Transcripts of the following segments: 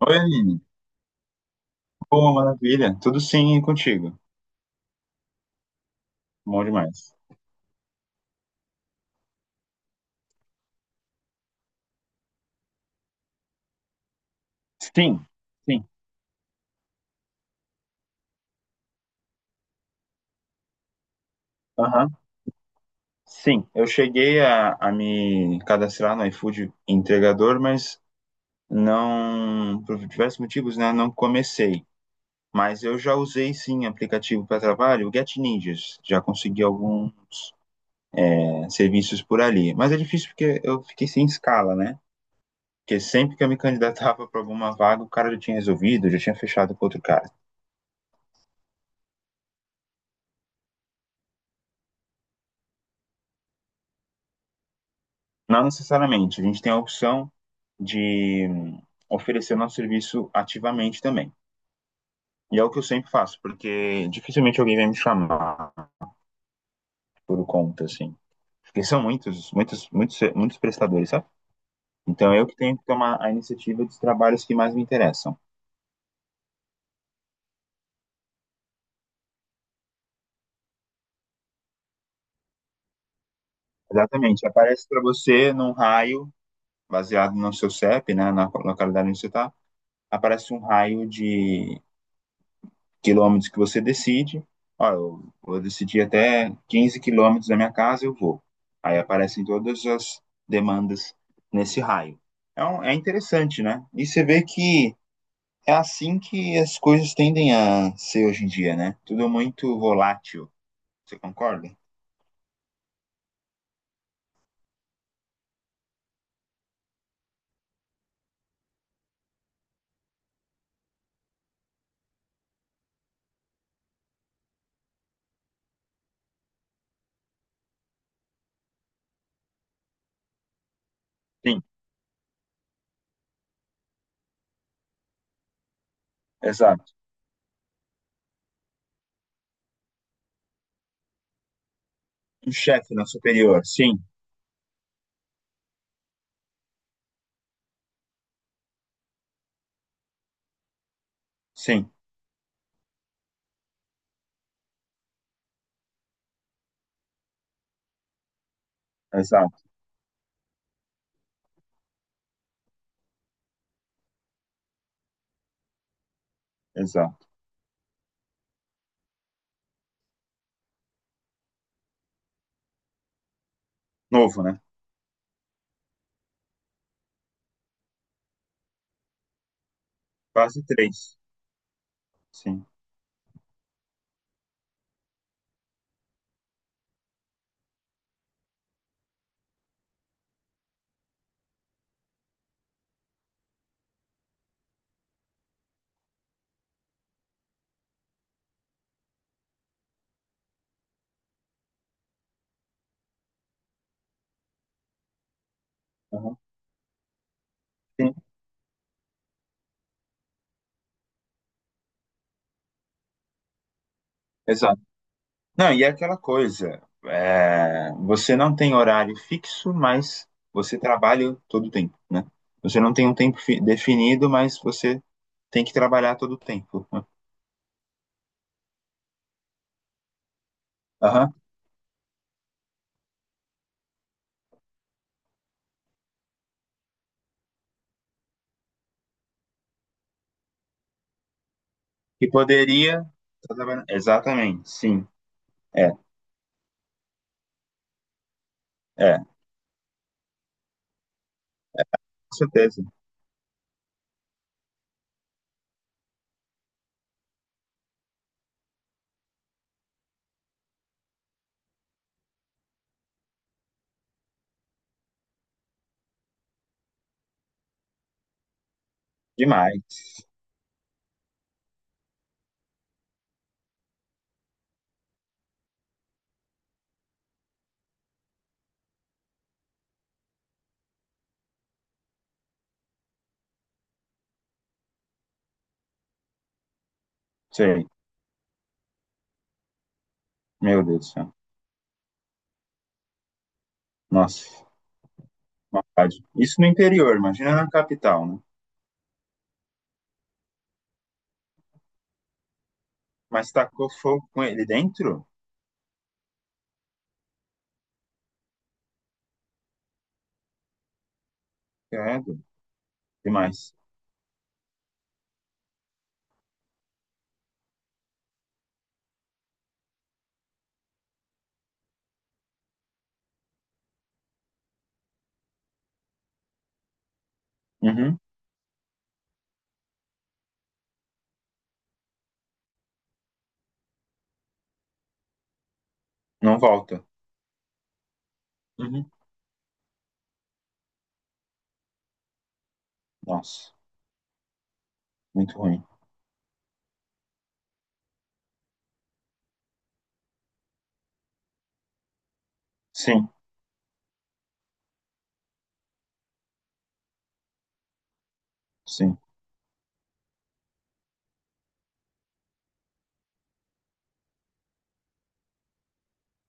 Oi, Aline. Boa, maravilha. Tudo sim e contigo? Bom demais. Sim, sim. Aham. Sim, eu cheguei a me cadastrar no iFood entregador, mas não, por diversos motivos, né, não comecei. Mas eu já usei sim aplicativo para trabalho, o Get Ninjas. Já consegui alguns serviços por ali. Mas é difícil porque eu fiquei sem escala, né? Porque sempre que eu me candidatava para alguma vaga, o cara já tinha resolvido, já tinha fechado com outro cara. Não necessariamente, a gente tem a opção de oferecer nosso serviço ativamente também. E é o que eu sempre faço, porque dificilmente alguém vai me chamar por conta, assim. Porque são muitos, muitos, muitos, muitos prestadores, sabe? Então eu que tenho que tomar a iniciativa dos trabalhos que mais me interessam. Exatamente, aparece para você num raio, baseado no seu CEP, né, na localidade onde você está, aparece um raio de quilômetros que você decide. Ó, eu vou decidir até 15 quilômetros da minha casa, eu vou. Aí aparecem todas as demandas nesse raio. É interessante, né? E você vê que é assim que as coisas tendem a ser hoje em dia, né? Tudo muito volátil. Você concorda? Sim, exato. Um chefe na superior. Sim, sim, exato, exato. Novo, né? Quase três. Sim. Uhum. Sim, exato. Não, e é aquela coisa, você não tem horário fixo, mas você trabalha todo o tempo, né? Você não tem um tempo definido, mas você tem que trabalhar todo o tempo. né? Aham. E poderia. Tá trabalhando. Exatamente, sim. É, é, com certeza. Demais. Sei. Meu Deus do céu. Nossa, maldade. Isso no interior, imagina na capital, né? Mas tacou fogo com ele dentro? Credo. Demais. Uhum. Não volta. Uhum. Nossa. Muito ruim. Sim, sim.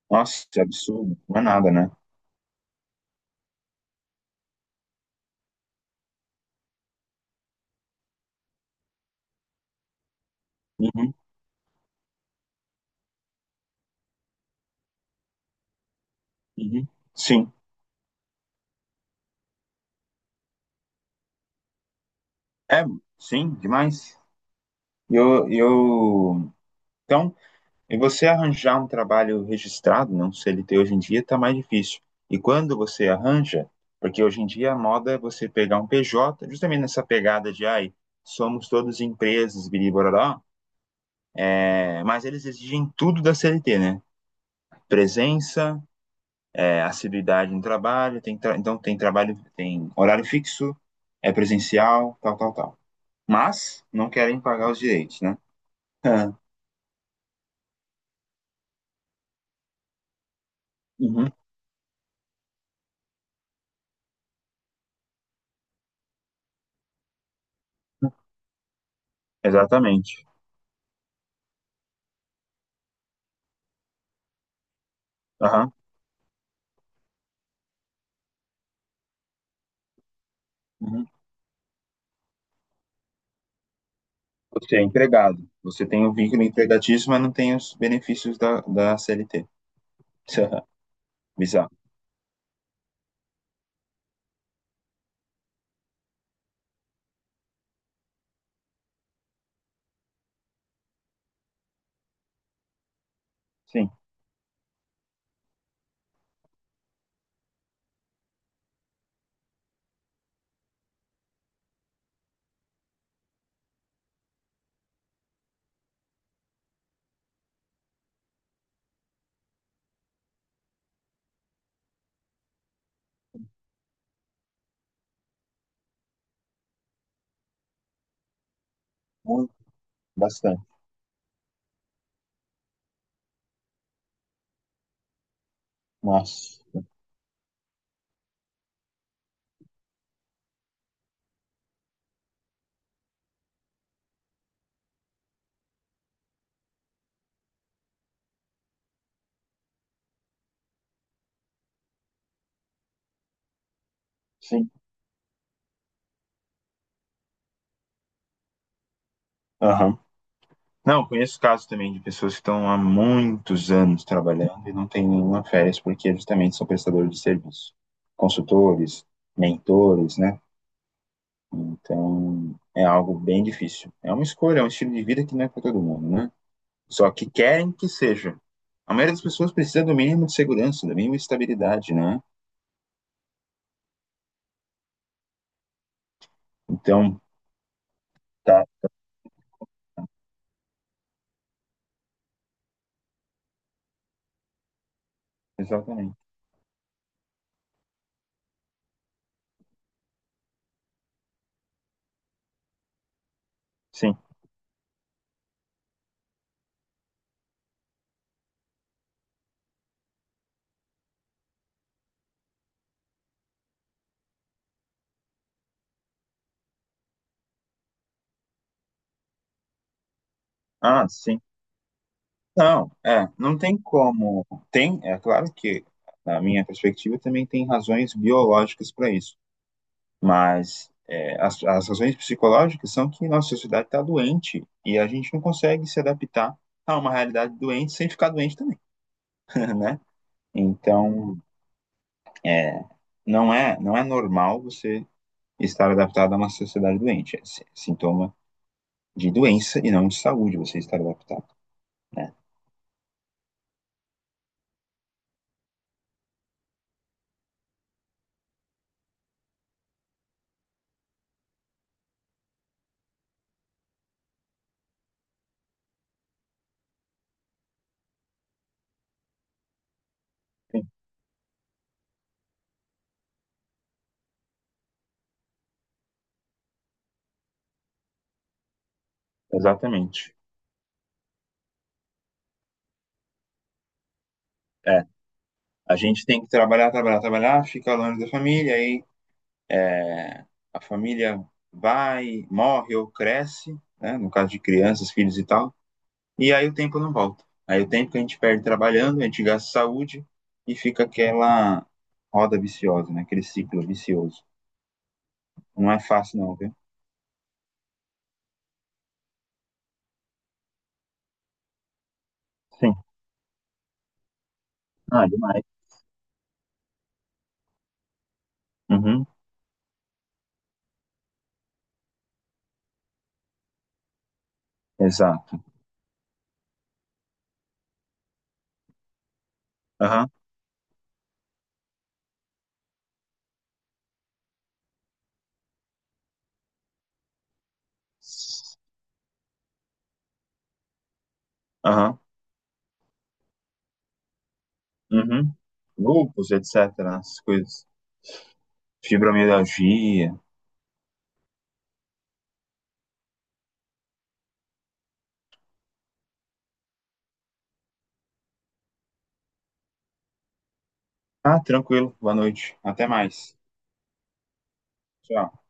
Nossa, que absurdo. Não é nada, né? Uhum, uhum. Sim. É, sim, demais. Eu... Então, e você arranjar um trabalho registrado, não CLT hoje em dia, tá mais difícil. E quando você arranja, porque hoje em dia a moda é você pegar um PJ, justamente nessa pegada de, ai, somos todos empresas, biribororó, mas eles exigem tudo da CLT, né? Presença, assiduidade no trabalho, então tem trabalho, tem horário fixo, é presencial, tal, tal, tal. Mas não querem pagar os direitos, né? Ah, uhum. Exatamente. Aham, uhum. Você é empregado, você tem o vínculo empregatício, mas não tem os benefícios da CLT. Bizarro. Sim, muito, bastante. Nossa, sim. Aham. Não, conheço casos também de pessoas que estão há muitos anos trabalhando e não têm nenhuma férias porque justamente são prestadores de serviço, consultores, mentores, né? Então é algo bem difícil. É uma escolha, é um estilo de vida que não é para todo mundo, né? Só que querem que seja. A maioria das pessoas precisa do mínimo de segurança, da mínima estabilidade, né? Então, tá, exatamente. Sim. Ah, sim. Não, não tem como. Tem, é claro que, na minha perspectiva, também tem razões biológicas para isso, mas as razões psicológicas são que nossa sociedade está doente e a gente não consegue se adaptar a uma realidade doente sem ficar doente também, né? Então, não é normal você estar adaptado a uma sociedade doente. É sintoma de doença e não de saúde você estar adaptado, né? Sim, exatamente. É, a gente tem que trabalhar, trabalhar, trabalhar, fica longe da família, aí é, a família vai, morre ou cresce, né? No caso de crianças, filhos e tal, e aí o tempo não volta. Aí o tempo que a gente perde trabalhando, a gente gasta saúde e fica aquela roda viciosa, né? Aquele ciclo vicioso. Não é fácil não, viu? Sim. Ah, demais. Uhum. Exato. Aham. Aham. Uhum. Lúpus, etc. As coisas. Fibromialgia. Ah, tranquilo. Boa noite. Até mais. Tchau.